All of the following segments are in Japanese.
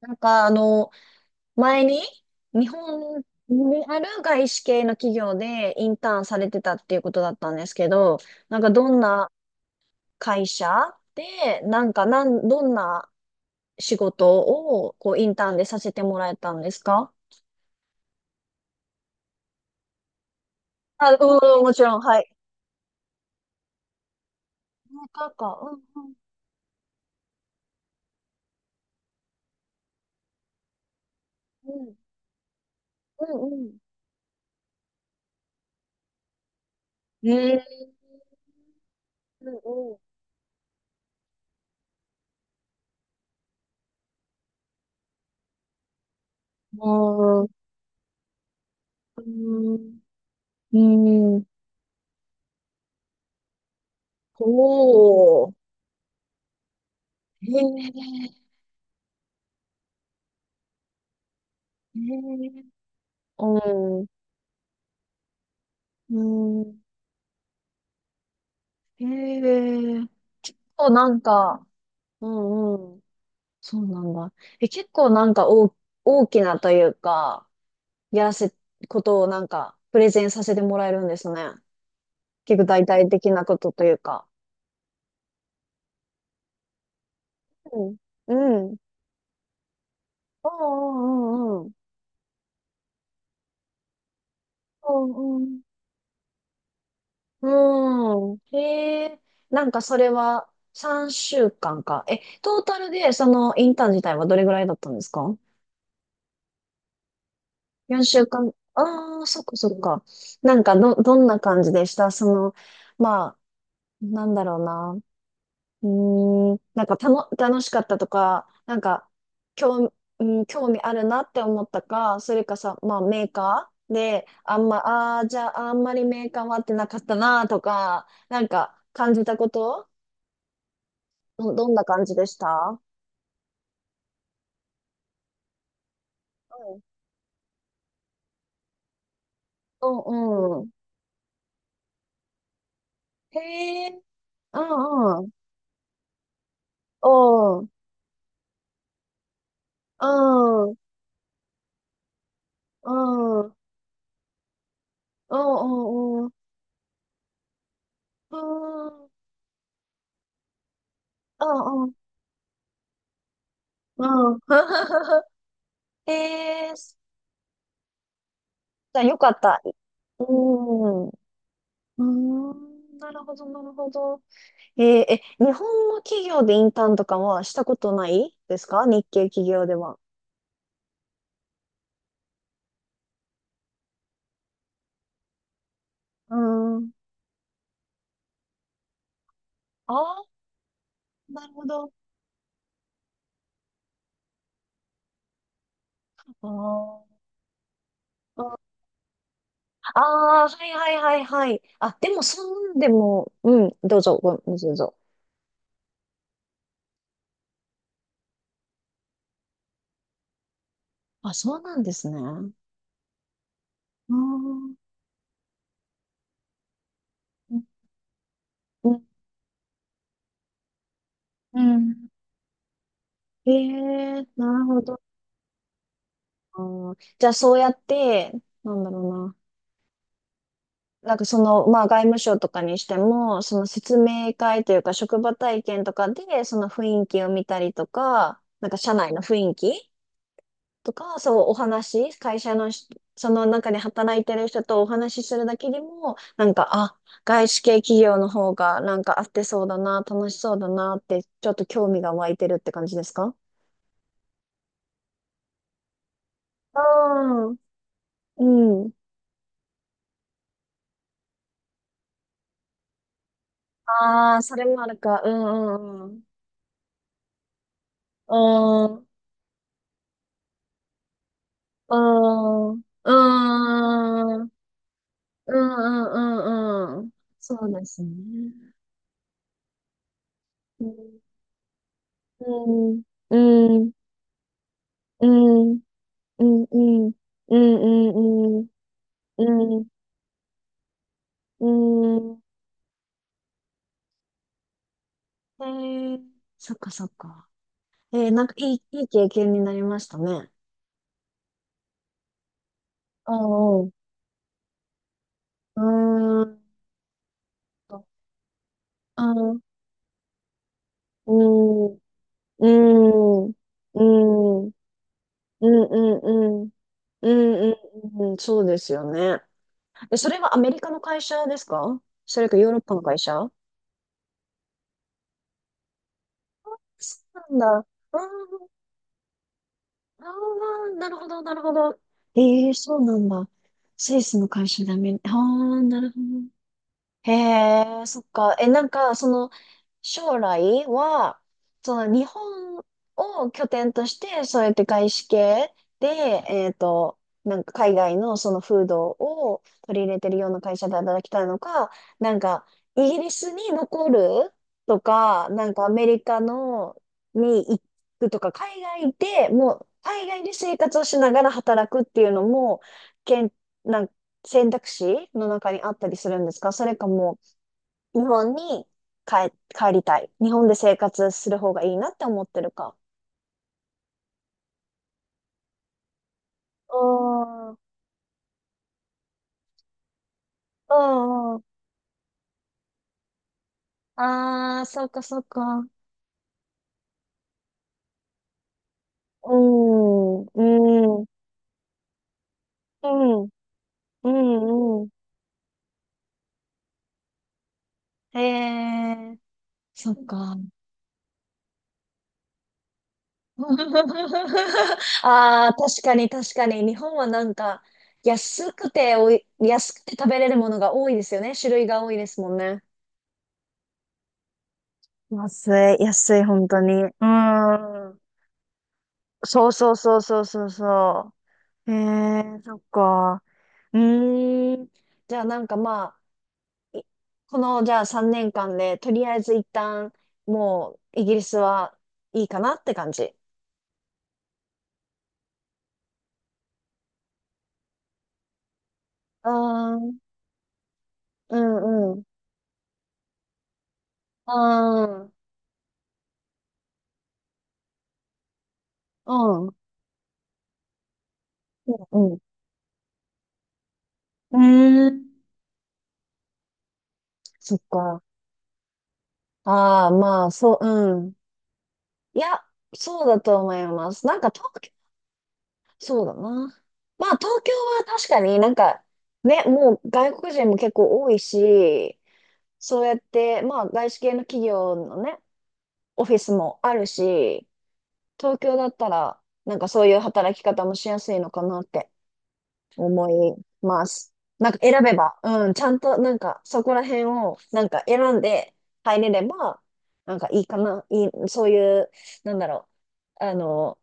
なんか、あの、前に日本にある外資系の企業でインターンされてたっていうことだったんですけど、どんな会社で、なんかなん、どんな仕事をインターンでさせてもらえたんですか？あ、うん、もちろん、はい。なんか、うん、うん、うん、うん。うん、えー、うん、うん。うん、うん、うん。おー、へー、へー、うん。うん。へえ。結構なんか、うんうん。そうなんだ。え、結構なんか大、大きなというか、やらせ、ことをプレゼンさせてもらえるんですね。結構大体的なことというか。うん。うん。うんうんうんうん。うんうん。うんうんへえ。それは3週間かんか。え、トータルでそのインターン自体はどれぐらいだったんですか？4週間、ああ、そっかそっか。どんな感じでしたその、まあ、なんだろうな。楽しかったとか、なんか、興、うん、興味あるなって思ったか、それかさ、まあ、メーカーで、じゃあ、あんまりメーカーは合ってなかったなとか、感じたこと、どんな感じでした？うん、うん、うん。へえ、うん、うん。おう、うん、うん。うんうんうん。うーん。うんうんうん。ええ、ー、じゃあよかった。うーん。うーん。なるほど、なるほど。えー、え、日本の企業でインターンとかはしたことないですか、日系企業では？うーん。ああ、なるほど。あーあー、はいはいはいはい。あ、でもそんでも、うん、どうぞ。あ、そうなんですね。うーうん。うん。うん。ええ、なるほど。あー、じゃあそうやって、なんだろうな。その、まあ外務省とかにしても、その説明会というか職場体験とかで、その雰囲気を見たりとか、社内の雰囲気とか、そうお話、会社のし、その中で働いてる人とお話しするだけでも、外資系企業の方がなんか合ってそうだな、楽しそうだなって、ちょっと興味が湧いてるって感じですか？あ、あー、うん。ああ、それもあるか。うんうんうん。うん。うん。うん。うんうんうん。そうですね。うん。うん。うん。うん。うん。うん。うん。うん。うん。へえ。そっかそっか。えー、いい、いい経験になりましたね。うんうん。うん。ん。うん。うん。うん。うん。うん。うん。うん。うんうんうん、そうですよね。え、それはアメリカの会社ですか、それかヨーロッパの会社？そうなんだ。あー、あー、なるほど、なるほど。ええ、そうなんだ。スイスの会社でアメリ、ああ、なるほど。へえ、そっか。え、なんか、その、将来は、その、日本を拠点として、そうやって外資系で、えっと、海外のその風土を取り入れてるような会社で働きたいのか、なんか、イギリスに残るとか、なんか、アメリカの、に行くとか、海外で生活をしながら働くっていうのも、けん、選択肢の中にあったりするんですか？それか、日本に帰りたい、日本で生活する方がいいなって思ってるか。うん、うん、うん。ああ、そっかそっか。うん、うん、うん、うん、うん。へえ、そっか。ああ、確かに確かに。日本はなんか、安くておい、安くて食べれるものが多いですよね。種類が多いですもんね。安安い、本当に。うーん。そうそうそうそうそうそう。へえ、そっか。うーん。じゃあなんかまあ、いこのじゃあ3年間で、とりあえず一旦、もうイギリスはいいかなって感じ。うーん、うん、うん。うーん、うん、うん。うーん。そっか。ああ、まあ、そう、うん。いや、そうだと思います。なんか東そうだな。まあ、東京は確かに、ね、もう外国人も結構多いし、そうやって、まあ、外資系の企業のね、オフィスもあるし、東京だったら、なんかそういう働き方もしやすいのかなって思います。なんか選べば、うん、ちゃんとなんかそこら辺をなんか選んで入れれば、なんかいいかな、いい、そういう、なんだろう、あの、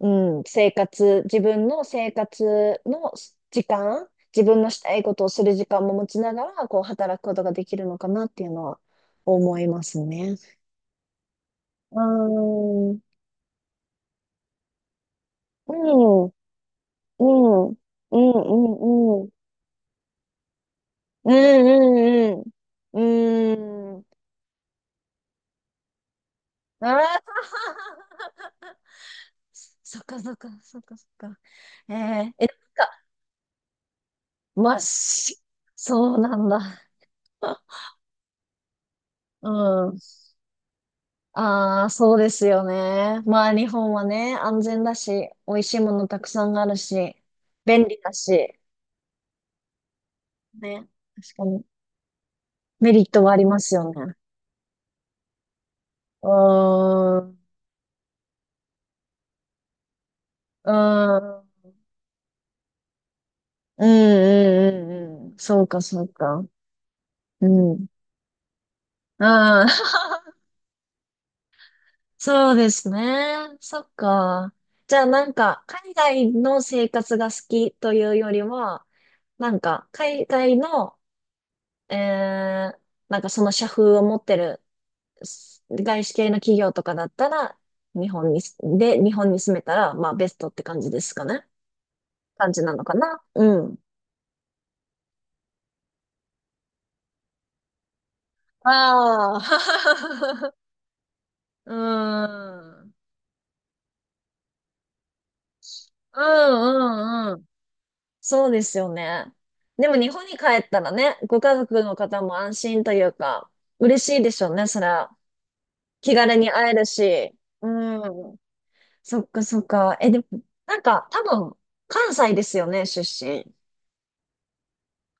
うん、自分の生活の時間、自分のしたいことをする時間も持ちながら、こう働くことができるのかなっていうのは思いますね。うーん、うん、うん、うん、うん、うん、うん、うん、うん、うん、ああ、そっかそっかそっかそっか。えー、え、なんか、まっし、そうなんだ。うん。ああ、そうですよね。まあ、日本はね、安全だし、美味しいものたくさんあるし、便利だし、ね。確かに、メリットはありますよね。うーん、うーん、うん、うん、うん、うん。そうか、そうか。うん。うん。そうですね。そっか。じゃあ、海外の生活が好きというよりは、なんか、海外の、えー、なんかその社風を持ってる外資系の企業とかだったら、日本に住めたら、まあ、ベストって感じですかね。感じなのかな。うん。ああ。うん。うんうんうん。そうですよね。でも日本に帰ったらね、ご家族の方も安心というか、嬉しいでしょうね、それは。気軽に会えるし。うん。そっかそっか。え、でも、なんか多分、関西ですよね、出身？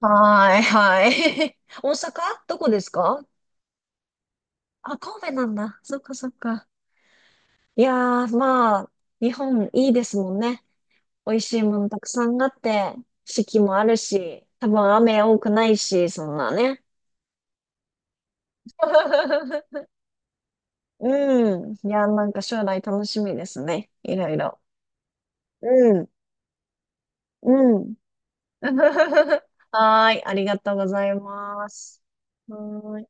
はーい、はい。大阪？どこですか？あ、神戸なんだ。そっかそっか。いやー、まあ、日本いいですもんね。美味しいものたくさんあって、四季もあるし、多分雨多くないし、そんなね。うん。いやー、なんか将来楽しみですね、いろいろ。うん、うん。はーい、ありがとうございます。はーい。